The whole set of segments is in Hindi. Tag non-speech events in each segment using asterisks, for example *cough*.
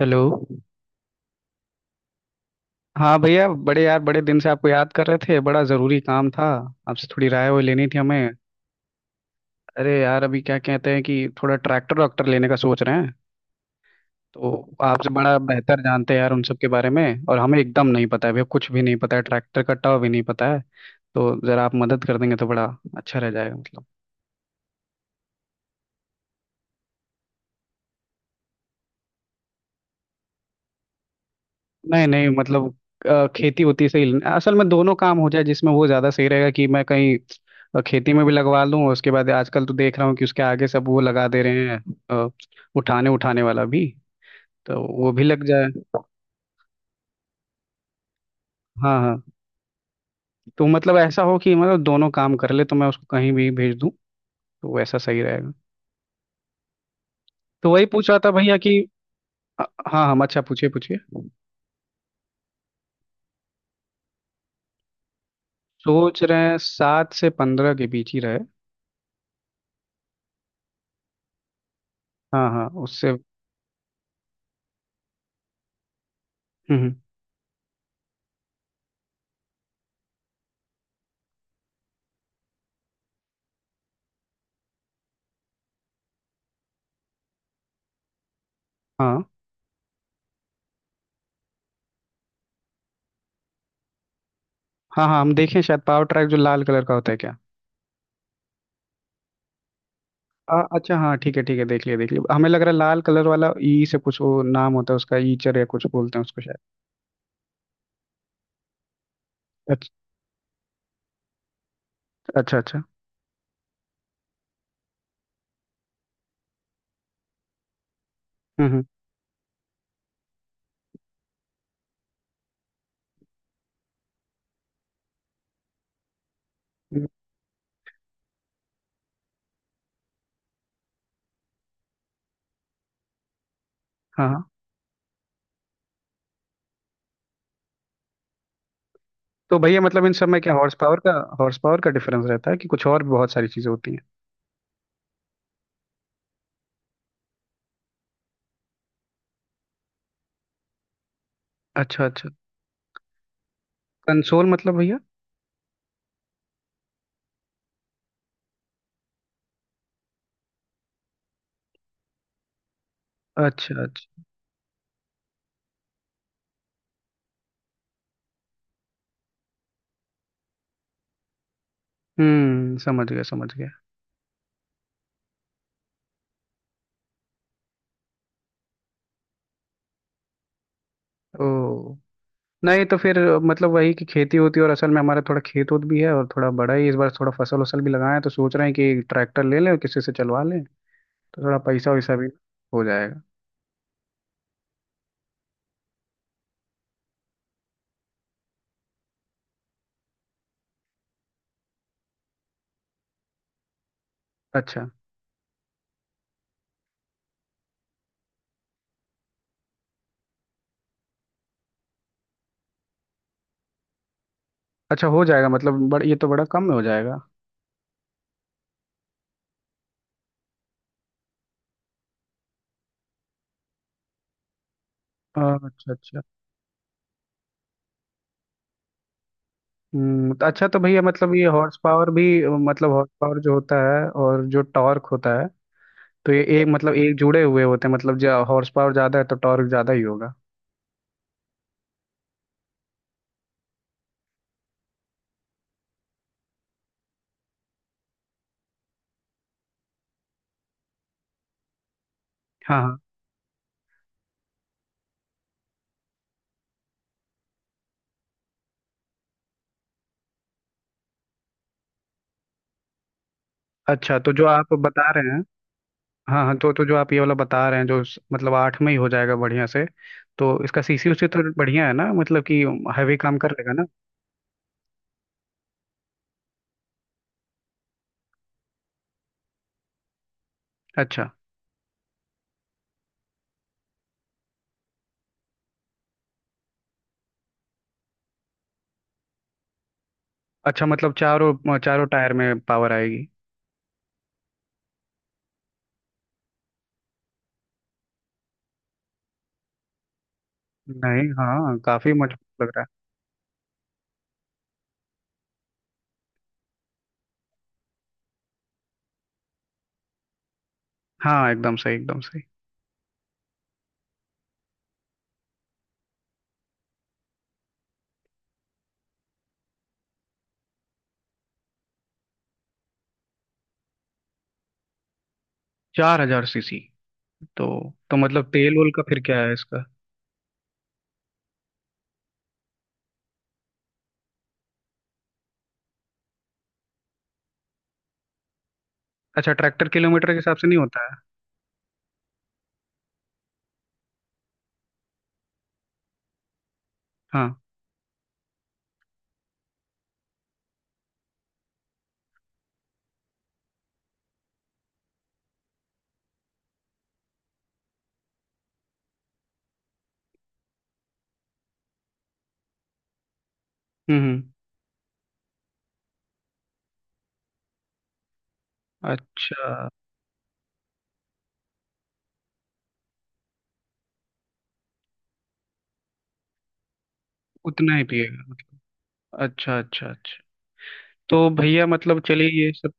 हेलो। हाँ भैया बड़े यार बड़े दिन से आपको याद कर रहे थे, बड़ा ज़रूरी काम था। आपसे थोड़ी राय वो लेनी थी हमें। अरे यार अभी क्या कहते हैं कि थोड़ा ट्रैक्टर वैक्टर लेने का सोच रहे हैं। तो आपसे बड़ा बेहतर जानते हैं यार उन सब के बारे में। और हमें एकदम नहीं पता है भैया, कुछ भी नहीं पता है, ट्रैक्टर का टाव भी नहीं पता है। तो ज़रा आप मदद कर देंगे तो बड़ा अच्छा रह जाएगा मतलब। नहीं नहीं मतलब खेती होती सही असल में, दोनों काम हो जाए जिसमें वो ज़्यादा सही रहेगा, कि मैं कहीं खेती में भी लगवा लूँ। उसके बाद आजकल तो देख रहा हूँ कि उसके आगे सब वो लगा दे रहे हैं। अ, उठाने उठाने वाला भी, तो वो भी लग जाए। हाँ हाँ। तो मतलब ऐसा हो कि मतलब दोनों काम कर ले, तो मैं उसको कहीं भी भेज दूँ, तो वैसा सही रहेगा। तो वही पूछ रहा था भैया कि हाँ हम, अच्छा पूछिए पूछिए। सोच रहे हैं 7 से 15 के बीच ही रहे। हाँ हाँ उससे। हम्म। हम्म, हाँ हाँ। हाँ हम देखें शायद, पावर ट्रैक जो लाल कलर का होता है क्या। अच्छा हाँ ठीक है ठीक है, देख लिया देख लिया, हमें लग रहा है लाल कलर वाला ई से कुछ वो नाम होता है उसका, ईचर या कुछ बोलते हैं उसको शायद। अच्छा अच्छा अच्छा। हम्म, हम्म, हम्म, हाँ हाँ। तो भैया मतलब इन सब में क्या हॉर्स पावर का डिफरेंस रहता है, कि कुछ और भी बहुत सारी चीजें होती हैं। अच्छा अच्छा। कंसोल मतलब भैया। अच्छा अच्छा। हम्म, समझ गया समझ गया। ओ, नहीं तो फिर मतलब वही कि खेती होती है, और असल में हमारा थोड़ा खेत उत भी है और थोड़ा बड़ा ही इस बार, थोड़ा फसल वसल भी लगाए हैं, तो सोच रहे हैं कि ट्रैक्टर ले लें और किसी से चलवा लें। तो थोड़ा पैसा वैसा भी हो जाएगा। अच्छा अच्छा हो जाएगा मतलब। ये तो बड़ा कम में हो जाएगा। हाँ, अच्छा अच्छा। हम्म, तो अच्छा तो भैया मतलब ये हॉर्स पावर भी, मतलब हॉर्स पावर जो होता है और जो टॉर्क होता है, तो ये एक मतलब एक जुड़े हुए होते हैं, मतलब जो हॉर्स पावर ज़्यादा है तो टॉर्क ज़्यादा ही होगा। हाँ हाँ। अच्छा तो जो आप बता रहे हैं। हाँ हाँ, तो जो आप ये वाला बता रहे हैं जो मतलब 8 में ही हो जाएगा बढ़िया से। तो इसका सीसी उसी तो बढ़िया है ना, मतलब कि हैवी काम कर लेगा ना। अच्छा अच्छा, मतलब चारों चारों टायर में पावर आएगी। नहीं, हाँ काफी मजबूत लग रहा है। हाँ एकदम सही एकदम सही। 4000 सीसी। तो तो मतलब तेल वोल का फिर क्या है इसका। अच्छा, ट्रैक्टर किलोमीटर के हिसाब से नहीं होता है। हाँ। हम्म। अच्छा, उतना ही पिएगा मतलब। अच्छा अच्छा अच्छा। तो भैया मतलब चलिए ये सब।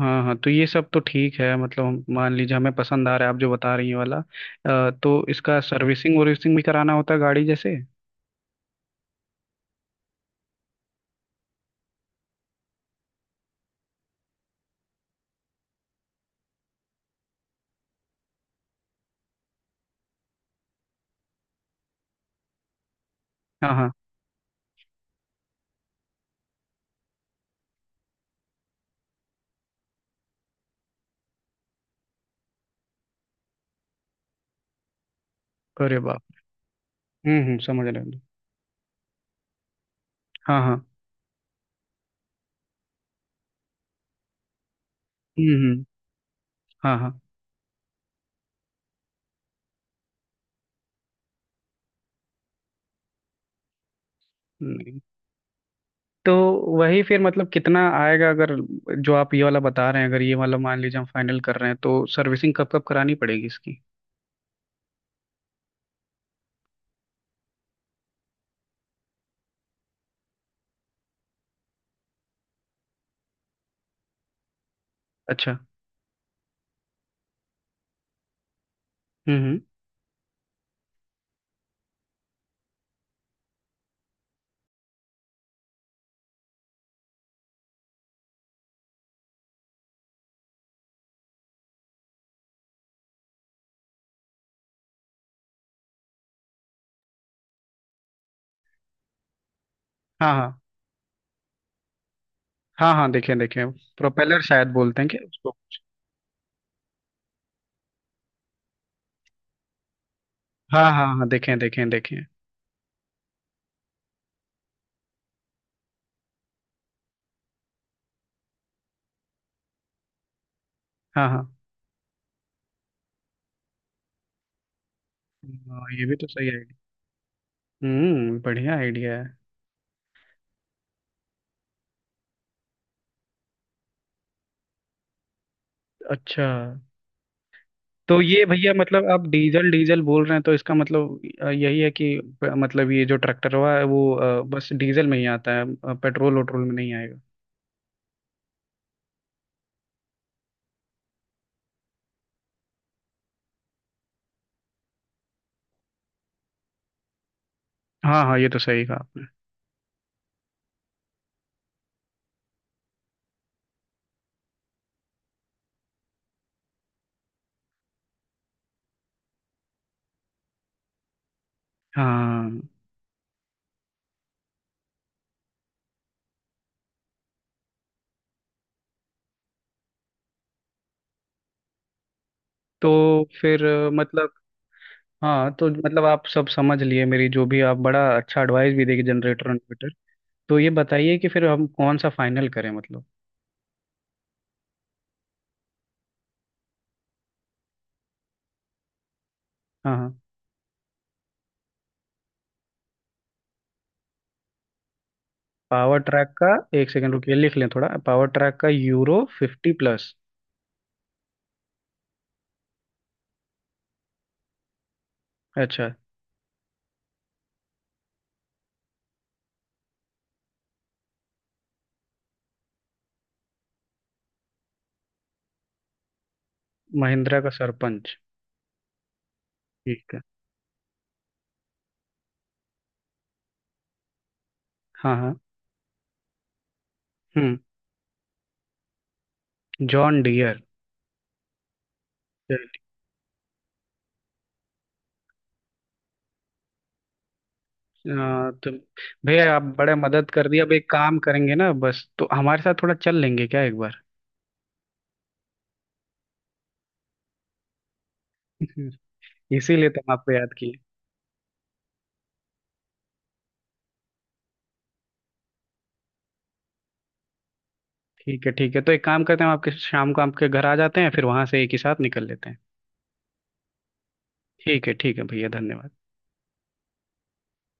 हाँ हाँ, तो ये सब तो ठीक है, मतलब मान लीजिए हमें पसंद आ रहा है आप जो बता रही हैं वाला, तो इसका सर्विसिंग वर्विसिंग भी कराना होता है गाड़ी जैसे। हाँ हाँ। अरे बाप। हम्म, समझ रहे हैं। हाँ हाँ। हम्म। हाँ हाँ। नहीं। तो वही फिर, मतलब कितना आएगा अगर जो आप ये वाला बता रहे हैं, अगर ये वाला मान लीजिए हम फाइनल कर रहे हैं, तो सर्विसिंग कब कब करानी पड़ेगी इसकी। अच्छा। हम्म। हाँ हाँ। हाँ हाँ देखें देखें। प्रोपेलर शायद बोलते हैं क्या उसको। हाँ हाँ हाँ, देखें देखें देखें। हाँ हाँ। हाँ, ये भी तो सही है। हम्म, बढ़िया आइडिया है। अच्छा। तो ये भैया मतलब आप डीजल डीजल बोल रहे हैं, तो इसका मतलब यही है कि मतलब ये जो ट्रैक्टर हुआ है वो बस डीजल में ही आता है, पेट्रोल वट्रोल में नहीं आएगा। हाँ हाँ, ये तो सही कहा आपने। हाँ तो फिर मतलब। हाँ तो मतलब आप सब समझ लिए, मेरी जो भी, आप बड़ा अच्छा एडवाइस भी देगी, जनरेटर इन्वर्टर। तो ये बताइए कि फिर हम कौन सा फाइनल करें मतलब। हाँ हाँ। पावर ट्रैक का। एक सेकंड रुकिए लिख लें थोड़ा, पावर ट्रैक का यूरो 50 प्लस। अच्छा। महिंद्रा का सरपंच। ठीक है। हाँ हाँ। हम्म। John dear. तो भैया आप बड़े मदद कर दिया, अब एक काम करेंगे ना बस, तो हमारे साथ थोड़ा चल लेंगे क्या एक बार। *laughs* इसीलिए तो हम आपको याद किए। ठीक है ठीक है, तो एक काम करते हैं, हम आपके शाम को आपके घर आ जाते हैं, फिर वहां से एक ही साथ निकल लेते हैं। ठीक है भैया, धन्यवाद।